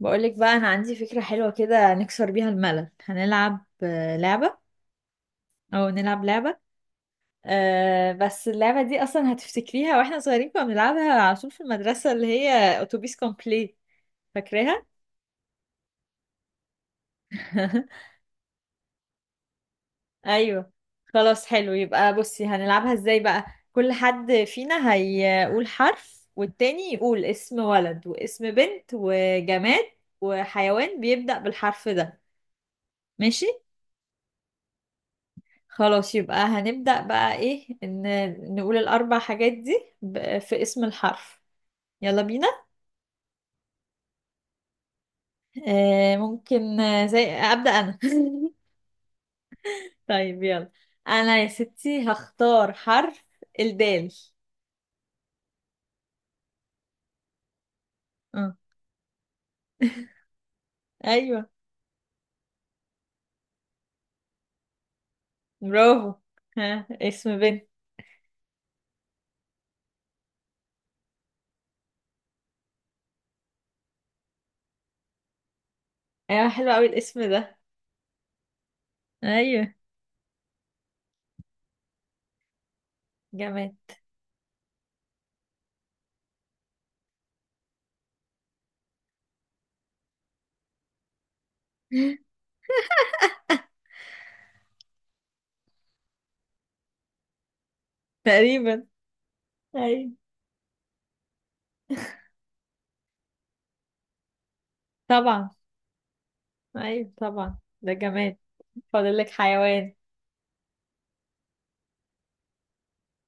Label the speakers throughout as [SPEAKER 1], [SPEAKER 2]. [SPEAKER 1] بقولك بقى أنا عندي فكرة حلوة كده، نكسر بيها الملل. هنلعب لعبة أو نلعب لعبة. بس اللعبة دي أصلا هتفتكريها. وإحنا صغيرين كنا بنلعبها على طول في المدرسة، اللي هي أتوبيس كومبلي. فاكراها؟ أيوه. خلاص، حلو. يبقى بصي هنلعبها إزاي بقى. كل حد فينا هيقول حرف، والتاني يقول اسم ولد واسم بنت وجماد وحيوان بيبدأ بالحرف ده. ماشي؟ خلاص يبقى هنبدأ بقى، ايه، ان نقول الاربع حاجات دي في اسم الحرف. يلا بينا. ممكن، زي أبدأ انا. طيب يلا. انا يا ستي هختار حرف. الدال. اه، ايوه. برافو. ها، اسم بنت. ايوه، حلو قوي الاسم ده. ايوه، جماد. تقريبا. ايوه طبعا. ايوه طبعا ده جماد. فاضل لك حيوان.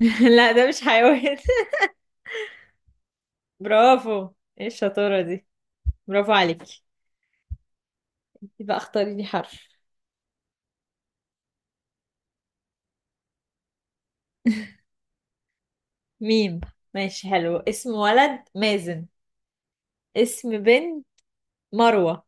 [SPEAKER 1] لا ده مش حيوان. برافو. ايه الشطارة دي. برافو عليك. يبقى اختاري لي حرف. ميم. ماشي، حلو. اسم ولد مازن. اسم بنت مروة.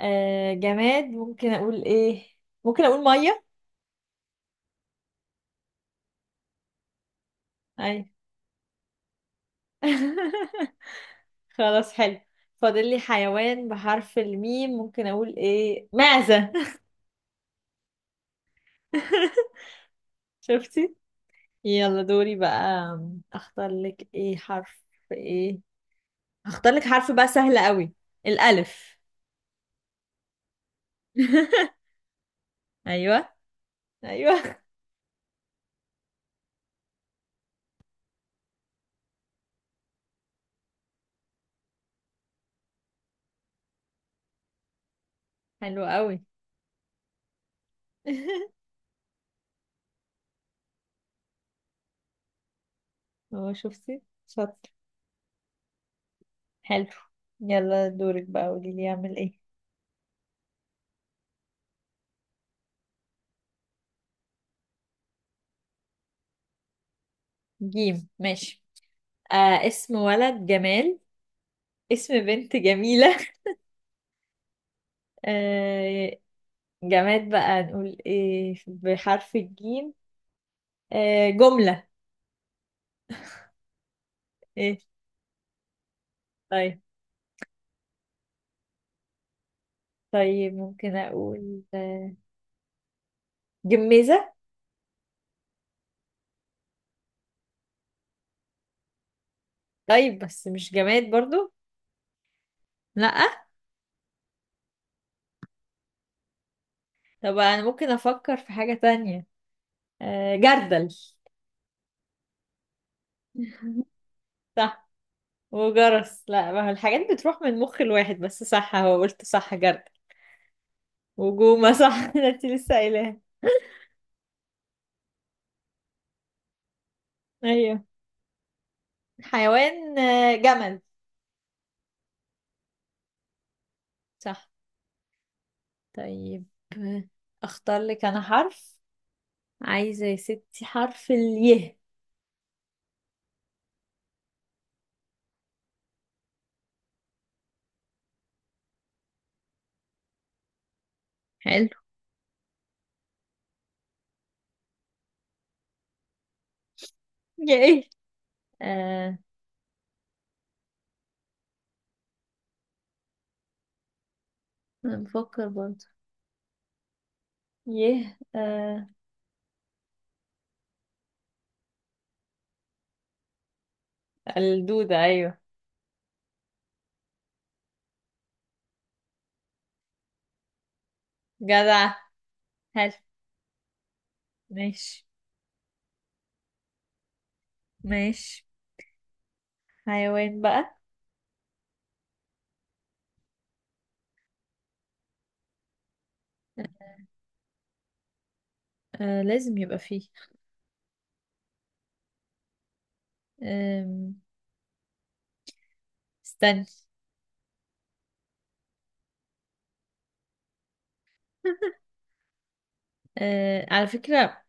[SPEAKER 1] جماد ممكن اقول ايه؟ ممكن اقول مية. اي. خلاص، حلو. فاضل لي حيوان بحرف الميم، ممكن اقول ايه؟ معزة. شفتي. يلا دوري بقى. اختار لك ايه حرف؟ ايه، هختار لك حرف بقى سهل قوي. الالف. ايوه ايوه. حلو قوي. هو شفتي. شاطر. حلو. يلا دورك بقى، قولي لي اعمل ايه. جيم. ماشي. اسم ولد جمال. اسم بنت جميلة. آه جماد بقى نقول ايه بحرف الجيم؟ جملة. ايه؟ طيب، طيب. ممكن اقول جميزة. طيب، بس مش جماد برضو. لا. طب انا ممكن افكر في حاجة تانية. جردل. صح. وجرس. لا، ما هو الحاجات بتروح من مخ الواحد، بس صح، هو قلت صح، جرد. وجومة، صح. ده انت لسه قايلاها. ايوه. حيوان جمل. صح. طيب اختار لك انا حرف. عايزة يا ستي حرف اليه. حلو. يا ايه. آه أنا بفكر برضه. يه. الدودة ايوه. جدع. حلو. ماشي. ماشي. حيوان بقى. لازم يبقى فيه. آم، استني. على فكرة.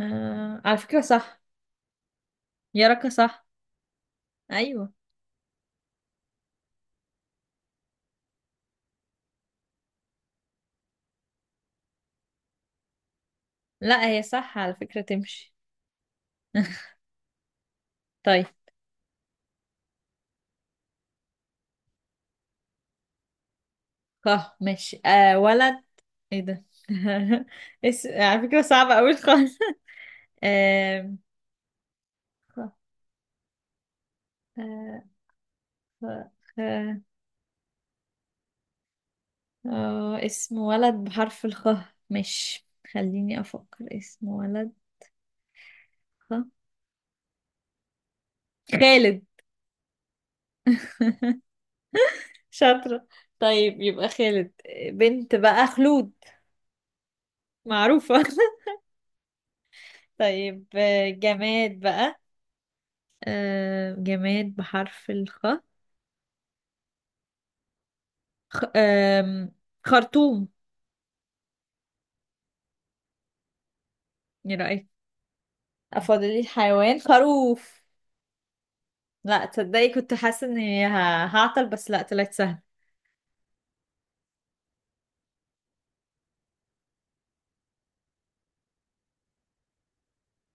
[SPEAKER 1] على فكرة صح. يا ركا، صح. أيوة. لا هي صح على فكرة، تمشي. طيب. اه، ماشي. ولد. ايه ده. على فكرة صعبة أوي خالص. آه... خ... آه... خ... خ... اسم ولد بحرف الخ. مش، خليني أفكر اسم ولد. خ... خالد. شاطرة. طيب يبقى خالد. بنت بقى خلود. معروفة. طيب، جماد بقى. جماد بحرف الخ. خ... آم، خرطوم. ايه رأيك. افضل لي الحيوان خروف. لا تصدقي كنت حاسة اني هعطل، بس لا طلعت سهل.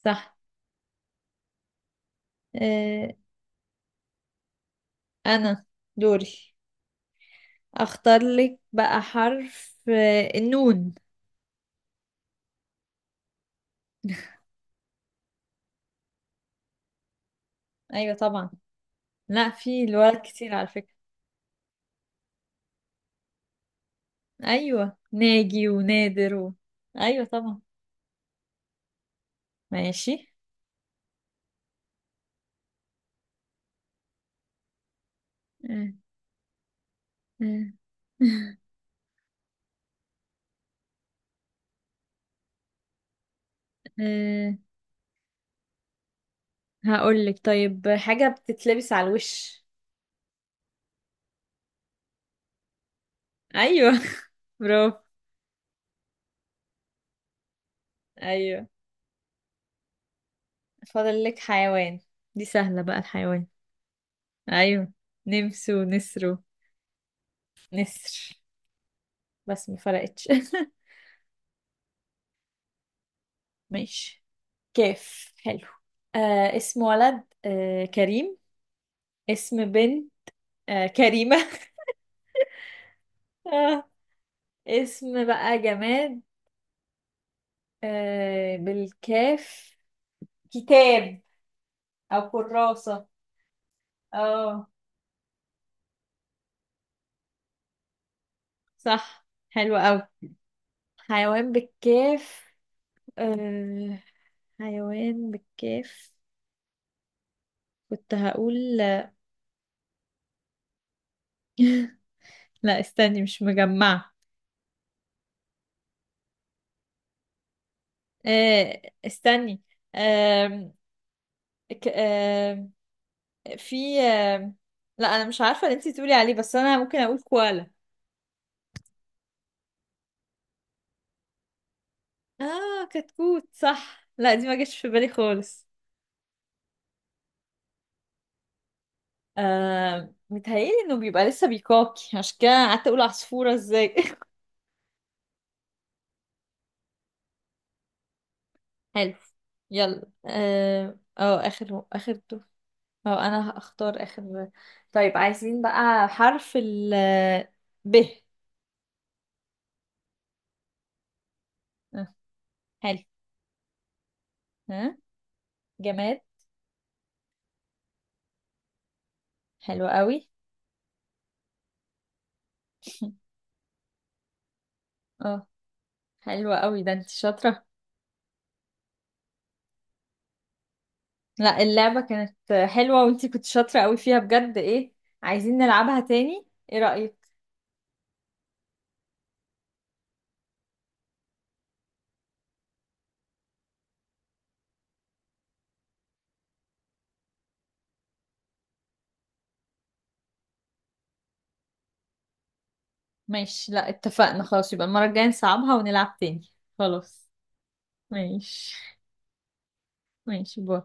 [SPEAKER 1] صح. آه، انا دوري. اختار لك بقى حرف، النون. ايوه طبعا. لا في الولد كتير على فكرة. ايوه، ناجي، ونادر، ايوه طبعا. ماشي. آه، آه. آه، هقولك طيب حاجة بتتلبس على الوش. ايوه. برافو. ايوه. فاضل لك حيوان. دي سهلة بقى الحيوان. ايوه، نمس ونسرو نسر، بس ما فرقتش. ماشي. كيف، حلو. اسم ولد، كريم. اسم بنت، كريمة. آه اسم بقى جماد. بالكاف. كتاب او كراسة. اه صح، حلو قوي. حيوان بالكاف. أه... حيوان بالكاف. كنت هقول. لا استني مش مجمعة. استني. أه... ك... أه... في لا انا مش عارفة اللي انتي تقولي عليه، بس انا ممكن اقول كوالا. اه كتكوت صح. لا دي ما جاتش في بالي خالص. متهيألي انه بيبقى لسه بيكاكي، عشان كده قعدت اقول عصفورة ازاي. حلو. يلا. اه أو اخر اخر دور. أو انا هختار اخر. طيب عايزين بقى حرف ال ب. آه، حلو. ها. جماد. حلو قوي. اه، حلوة قوي، ده انت شاطرة. لا اللعبة كانت حلوة، وانت كنت شاطرة قوي فيها بجد. ايه، عايزين نلعبها تاني. ايه رأيك. ماشي. لا اتفقنا خلاص، يبقى المرة الجاية نصعبها ونلعب تاني. خلاص. ماشي. ماشي، باي.